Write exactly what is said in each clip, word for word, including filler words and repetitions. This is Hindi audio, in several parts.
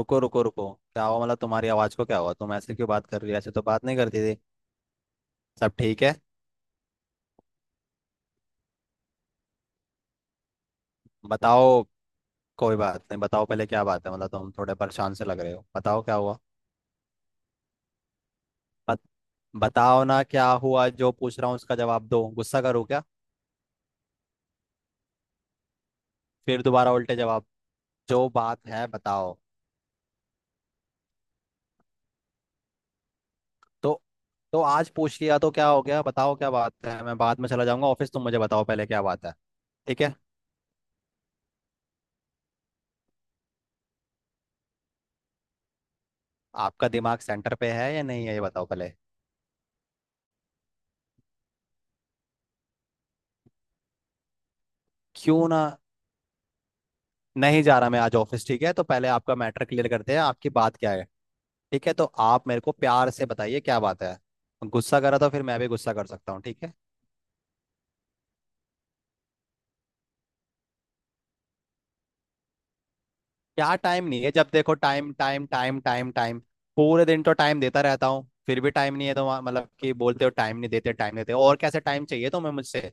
रुको, रुको, रुको, क्या हुआ? मतलब तुम्हारी आवाज को क्या हुआ? तुम ऐसे क्यों बात कर रही है? ऐसे तो बात नहीं करती थी। सब ठीक है? बताओ। कोई बात नहीं, बताओ पहले क्या बात है। मतलब तुम थोड़े परेशान से लग रहे हो। बताओ क्या हुआ। बत, बताओ ना क्या हुआ। जो पूछ रहा हूँ उसका जवाब दो। गुस्सा करो क्या? फिर दोबारा उल्टे जवाब। जो बात है बताओ। तो तो आज पूछ लिया तो क्या हो गया? बताओ क्या बात है। मैं बाद में चला जाऊंगा ऑफिस, तुम मुझे बताओ पहले क्या बात है। ठीक है। आपका दिमाग सेंटर पे है या नहीं है ये बताओ पहले। क्यों ना, नहीं जा रहा मैं आज ऑफिस, ठीक है? तो पहले आपका मैटर क्लियर करते हैं, आपकी बात क्या है। ठीक है, तो आप मेरे को प्यार से बताइए क्या बात है। गुस्सा करा तो फिर मैं भी गुस्सा कर सकता हूँ, ठीक है? क्या टाइम नहीं है? जब देखो time, time, time, time, time. पूरे दिन तो टाइम देता रहता हूँ, फिर भी टाइम नहीं है? तो वहाँ- मतलब कि बोलते हो टाइम नहीं देते, टाइम देते हो। और कैसे टाइम चाहिए तुम्हें मुझसे?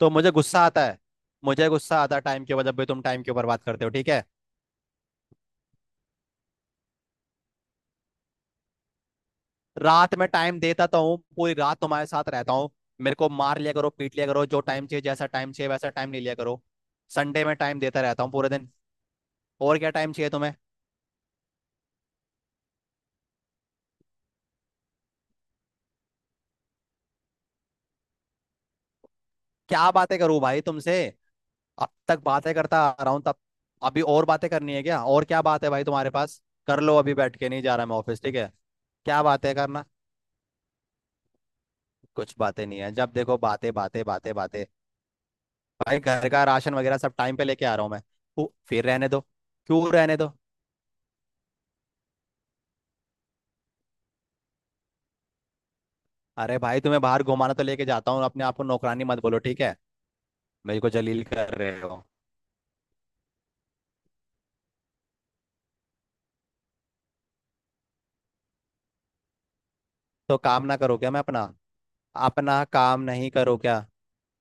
तो मुझे गुस्सा आता है। मुझे गुस्सा आता है टाइम के ऊपर, जब भी तुम टाइम के ऊपर बात करते हो, ठीक है? रात में टाइम देता तो हूँ, पूरी रात तुम्हारे साथ रहता हूँ। मेरे को मार लिया करो, पीट लिया करो, जो टाइम चाहिए जैसा टाइम चाहिए वैसा टाइम ले लिया करो। संडे में टाइम देता रहता हूँ पूरे दिन। और क्या टाइम चाहिए तुम्हें? क्या बातें करूँ भाई तुमसे? अब तक बातें करता आ रहा हूँ तब। अभी और बातें करनी है क्या? और क्या बात है भाई तुम्हारे पास? कर लो, अभी बैठ के, नहीं जा रहा मैं ऑफिस, ठीक है? क्या बातें करना? कुछ बातें नहीं है। जब देखो बातें, बातें, बातें, बातें। भाई घर का राशन वगैरह सब टाइम पे लेके आ रहा हूँ मैं। उ, फिर रहने दो। क्यों रहने दो? अरे भाई तुम्हें बाहर घुमाना तो लेके जाता हूँ, अपने आप को नौकरानी मत बोलो, ठीक है? मेरे को जलील कर रहे हो। तो काम ना करो क्या? मैं अपना, अपना काम नहीं करो क्या?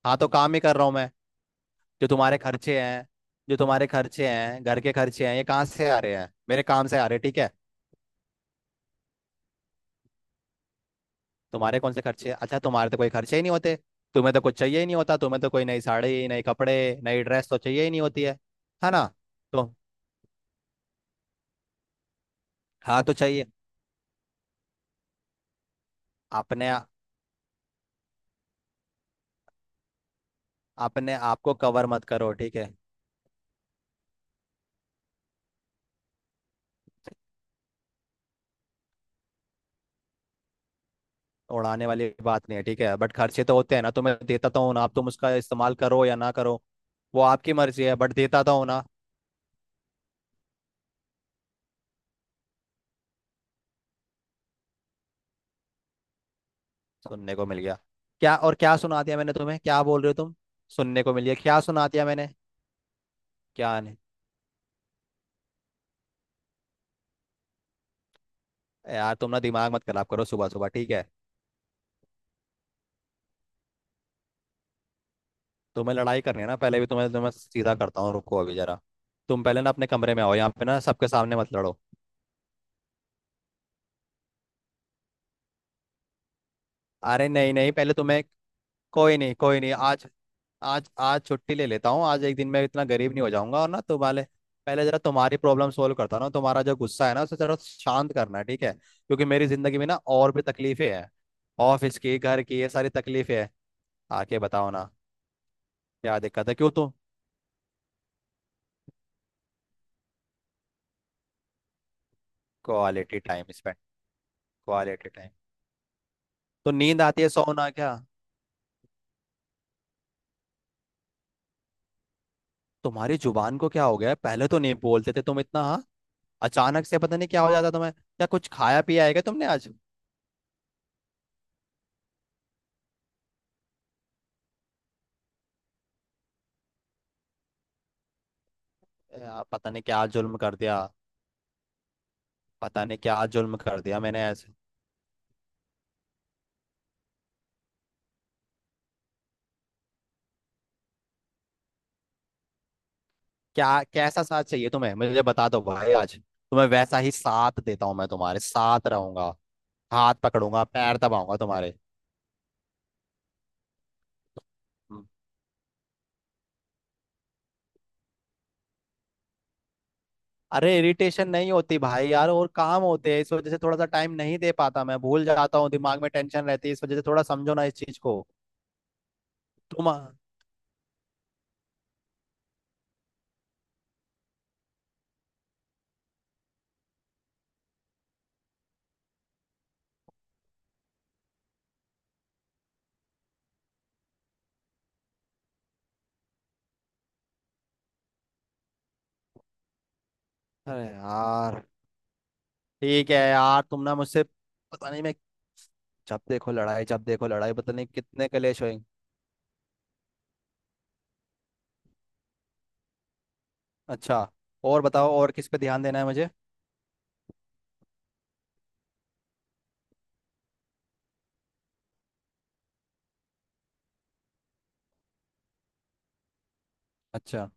हाँ, तो काम ही कर रहा हूँ मैं। जो तुम्हारे खर्चे हैं, जो तुम्हारे खर्चे हैं, घर के खर्चे हैं, ये कहाँ से आ रहे हैं? मेरे काम से आ रहे हैं, ठीक है? तुम्हारे कौन से खर्चे हैं? अच्छा, तुम्हारे तो कोई खर्चे ही नहीं होते। तुम्हें तो कुछ चाहिए ही नहीं होता। तुम्हें तो कोई नई साड़ी, नई कपड़े, नई ड्रेस तो चाहिए ही नहीं होती है है ना? तो हाँ, तो चाहिए। अपने अपने आप को कवर मत करो, ठीक है? उड़ाने वाली बात नहीं है, ठीक है, बट खर्चे तो होते हैं ना, तो मैं देता तो हूँ ना। आप, तुम उसका इस्तेमाल करो या ना करो, वो आपकी मर्जी है, बट देता तो हूँ ना। सुनने को मिल गया क्या? और क्या सुना दिया मैंने तुम्हें? क्या बोल रहे हो तुम? सुनने को मिल गया? क्या सुना दिया मैंने? क्या नहीं? यार तुम ना दिमाग मत खराब करो सुबह सुबह, ठीक है? तुम्हें लड़ाई करनी है ना? पहले भी तुम्हें तुम्हें सीधा करता हूँ, रुको अभी जरा। तुम पहले ना अपने कमरे में आओ, यहाँ पे ना सबके सामने मत लड़ो। अरे नहीं नहीं, पहले तुम्हें। कोई नहीं, कोई नहीं, आज, आज आज छुट्टी ले लेता हूँ। आज एक दिन मैं इतना गरीब नहीं हो जाऊंगा। और ना तुम्हारे, पहले जरा तुम्हारी प्रॉब्लम सोल्व करता हूँ ना। तुम्हारा जो गुस्सा है ना उसे जरा शांत करना है, ठीक है? क्योंकि मेरी जिंदगी में ना और भी तकलीफें हैं, ऑफिस की, घर की, ये सारी तकलीफें हैं। आके बताओ ना क्या दिक्कत है। क्यों तुम quality time spend, quality time, तो नींद आती है, सोना क्या? तुम्हारी जुबान को क्या हो गया है? पहले तो नहीं बोलते थे तुम इतना, हाँ। अचानक से पता नहीं क्या हो जाता तुम्हें। क्या कुछ खाया पिया है क्या तुमने आज? यार, पता नहीं क्या जुल्म कर दिया। पता नहीं क्या जुल्म कर दिया मैंने ऐसे। क्या कैसा साथ चाहिए तुम्हें मुझे बता दो भाई। आज तुम्हें वैसा ही साथ देता हूँ, मैं तुम्हारे साथ रहूंगा, हाथ पकड़ूंगा, पैर दबाऊंगा तुम्हारे। हम्म। अरे इरिटेशन नहीं होती भाई, यार और काम होते हैं, इस वजह से थोड़ा सा टाइम नहीं दे पाता, मैं भूल जाता हूँ, दिमाग में टेंशन रहती है, इस वजह से थोड़ा समझो ना इस चीज को। तुम, अरे यार, ठीक है यार। तुम ना मुझसे पता नहीं, मैं, जब देखो लड़ाई, जब देखो लड़ाई, पता नहीं कितने कलेश हुए। अच्छा, और बताओ, और किस पे ध्यान देना है मुझे? अच्छा।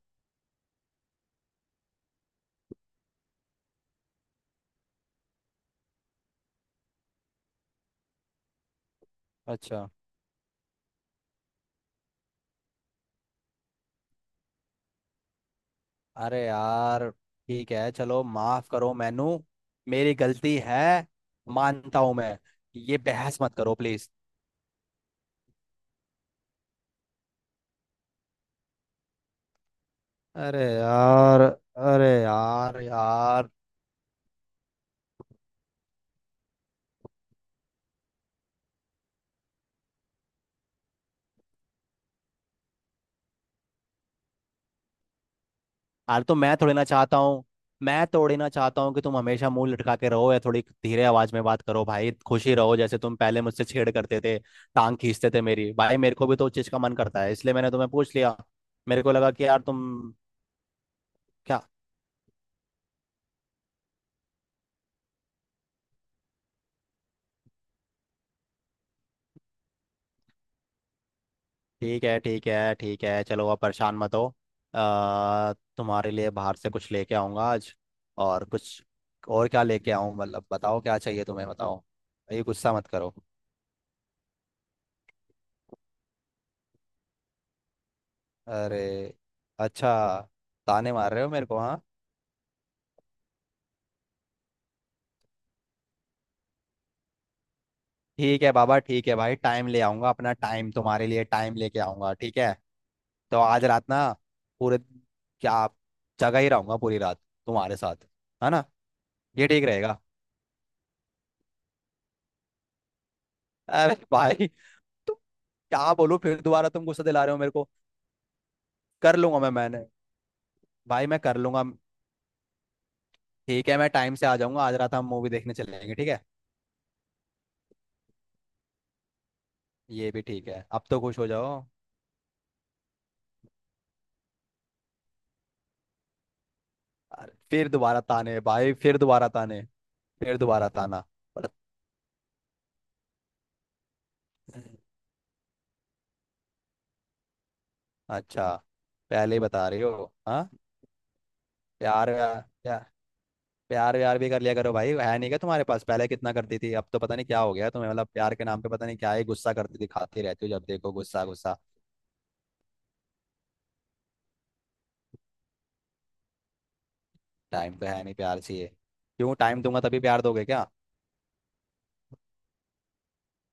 अच्छा। अरे यार, ठीक है, चलो माफ करो मैनू, मेरी गलती है, मानता हूं मैं। ये बहस मत करो प्लीज। अरे यार, अरे यार, यार। अरे तो मैं थोड़ी ना चाहता हूँ। मैं थोड़ी ना चाहता हूँ कि तुम हमेशा मुंह लटका के रहो या थोड़ी धीरे आवाज में बात करो। भाई खुशी रहो, जैसे तुम पहले मुझसे छेड़ करते थे, टांग खींचते थे मेरी, भाई मेरे को भी तो उस चीज का मन करता है, इसलिए मैंने तुम्हें पूछ लिया। मेरे को लगा कि यार तुम, क्या? ठीक है, ठीक है, ठीक है, चलो अब परेशान मत हो। अ, तुम्हारे लिए बाहर से कुछ लेके आऊंगा आज। और कुछ, और क्या लेके आऊं? मतलब बताओ क्या चाहिए तुम्हें, बताओ। ये गुस्सा मत करो। अरे, अच्छा, ताने मार रहे हो मेरे को, हाँ? ठीक है बाबा, ठीक है भाई, टाइम ले आऊंगा, अपना टाइम तुम्हारे लिए, टाइम लेके आऊंगा ठीक है? तो आज रात ना, पूरे, क्या, जगह ही रहूंगा पूरी रात तुम्हारे साथ, है ना? ये ठीक रहेगा। अरे भाई तो क्या बोलूं? फिर दोबारा तुम गुस्सा दिला रहे हो मेरे को। कर लूंगा मैं, मैंने, भाई मैं कर लूंगा, ठीक है? मैं टाइम से आ जाऊंगा, आज रात हम मूवी देखने चलेंगे, ठीक है? ये भी ठीक है, अब तो खुश हो जाओ। अरे फिर दोबारा ताने, भाई फिर दोबारा ताने, फिर दोबारा ताना। पर- अच्छा, पहले ही बता रही हो, हाँ? प्यार व्यार, प्या- प्यार व्यार भी कर लिया करो भाई, है नहीं क्या तुम्हारे पास? पहले कितना करती थी, अब तो पता नहीं क्या हो गया तुम्हें। मतलब प्यार के नाम पे पता नहीं क्या ही गुस्सा करती थी, खाती रहती हो जब देखो, गुस्सा, गुस्सा। टाइम तो है नहीं, प्यार चाहिए? क्यों, टाइम दूंगा तभी प्यार दोगे क्या?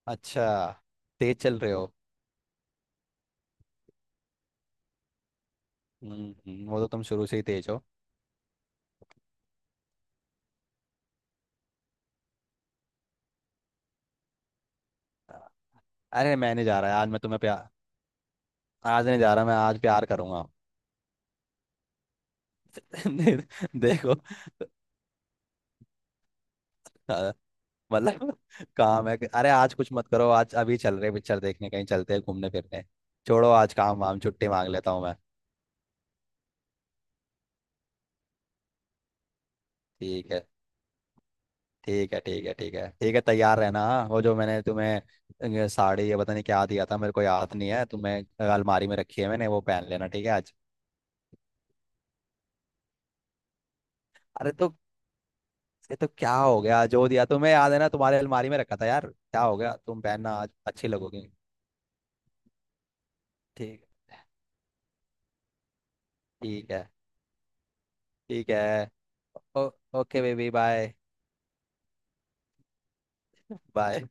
अच्छा, तेज चल रहे हो। हम्म, हम्म, वो तो तुम शुरू से ही तेज हो। अरे मैं नहीं जा रहा आज, मैं तुम्हें प्यार, आज नहीं जा रहा मैं, आज प्यार करूंगा। दे- देखो, अ, मतलब, काम है कि- अरे आज कुछ मत करो, आज अभी चल रहे पिक्चर देखने, कहीं चलते हैं घूमने फिरने। छोड़ो आज काम वाम, छुट्टी मांग लेता हूँ मैं। ठीक है। ठीक है, ठीक है, ठीक है, ठीक है, तैयार रहना, हाँ। वो जो मैंने तुम्हें अ, साड़ी या पता नहीं क्या दिया था, मेरे को याद नहीं है, तुम्हें अलमारी में रखी है मैंने, वो पहन लेना, ठीक है आज? अरे तो ये तो क्या हो गया? जो दिया तुम्हें याद है ना, तुम्हारे अलमारी में रखा था, यार क्या हो गया तुम, पहनना आज, अच्छी लगोगी। ठीक, ठीक है। ठीक है। ओ, ओके बेबी, बाय। बाय।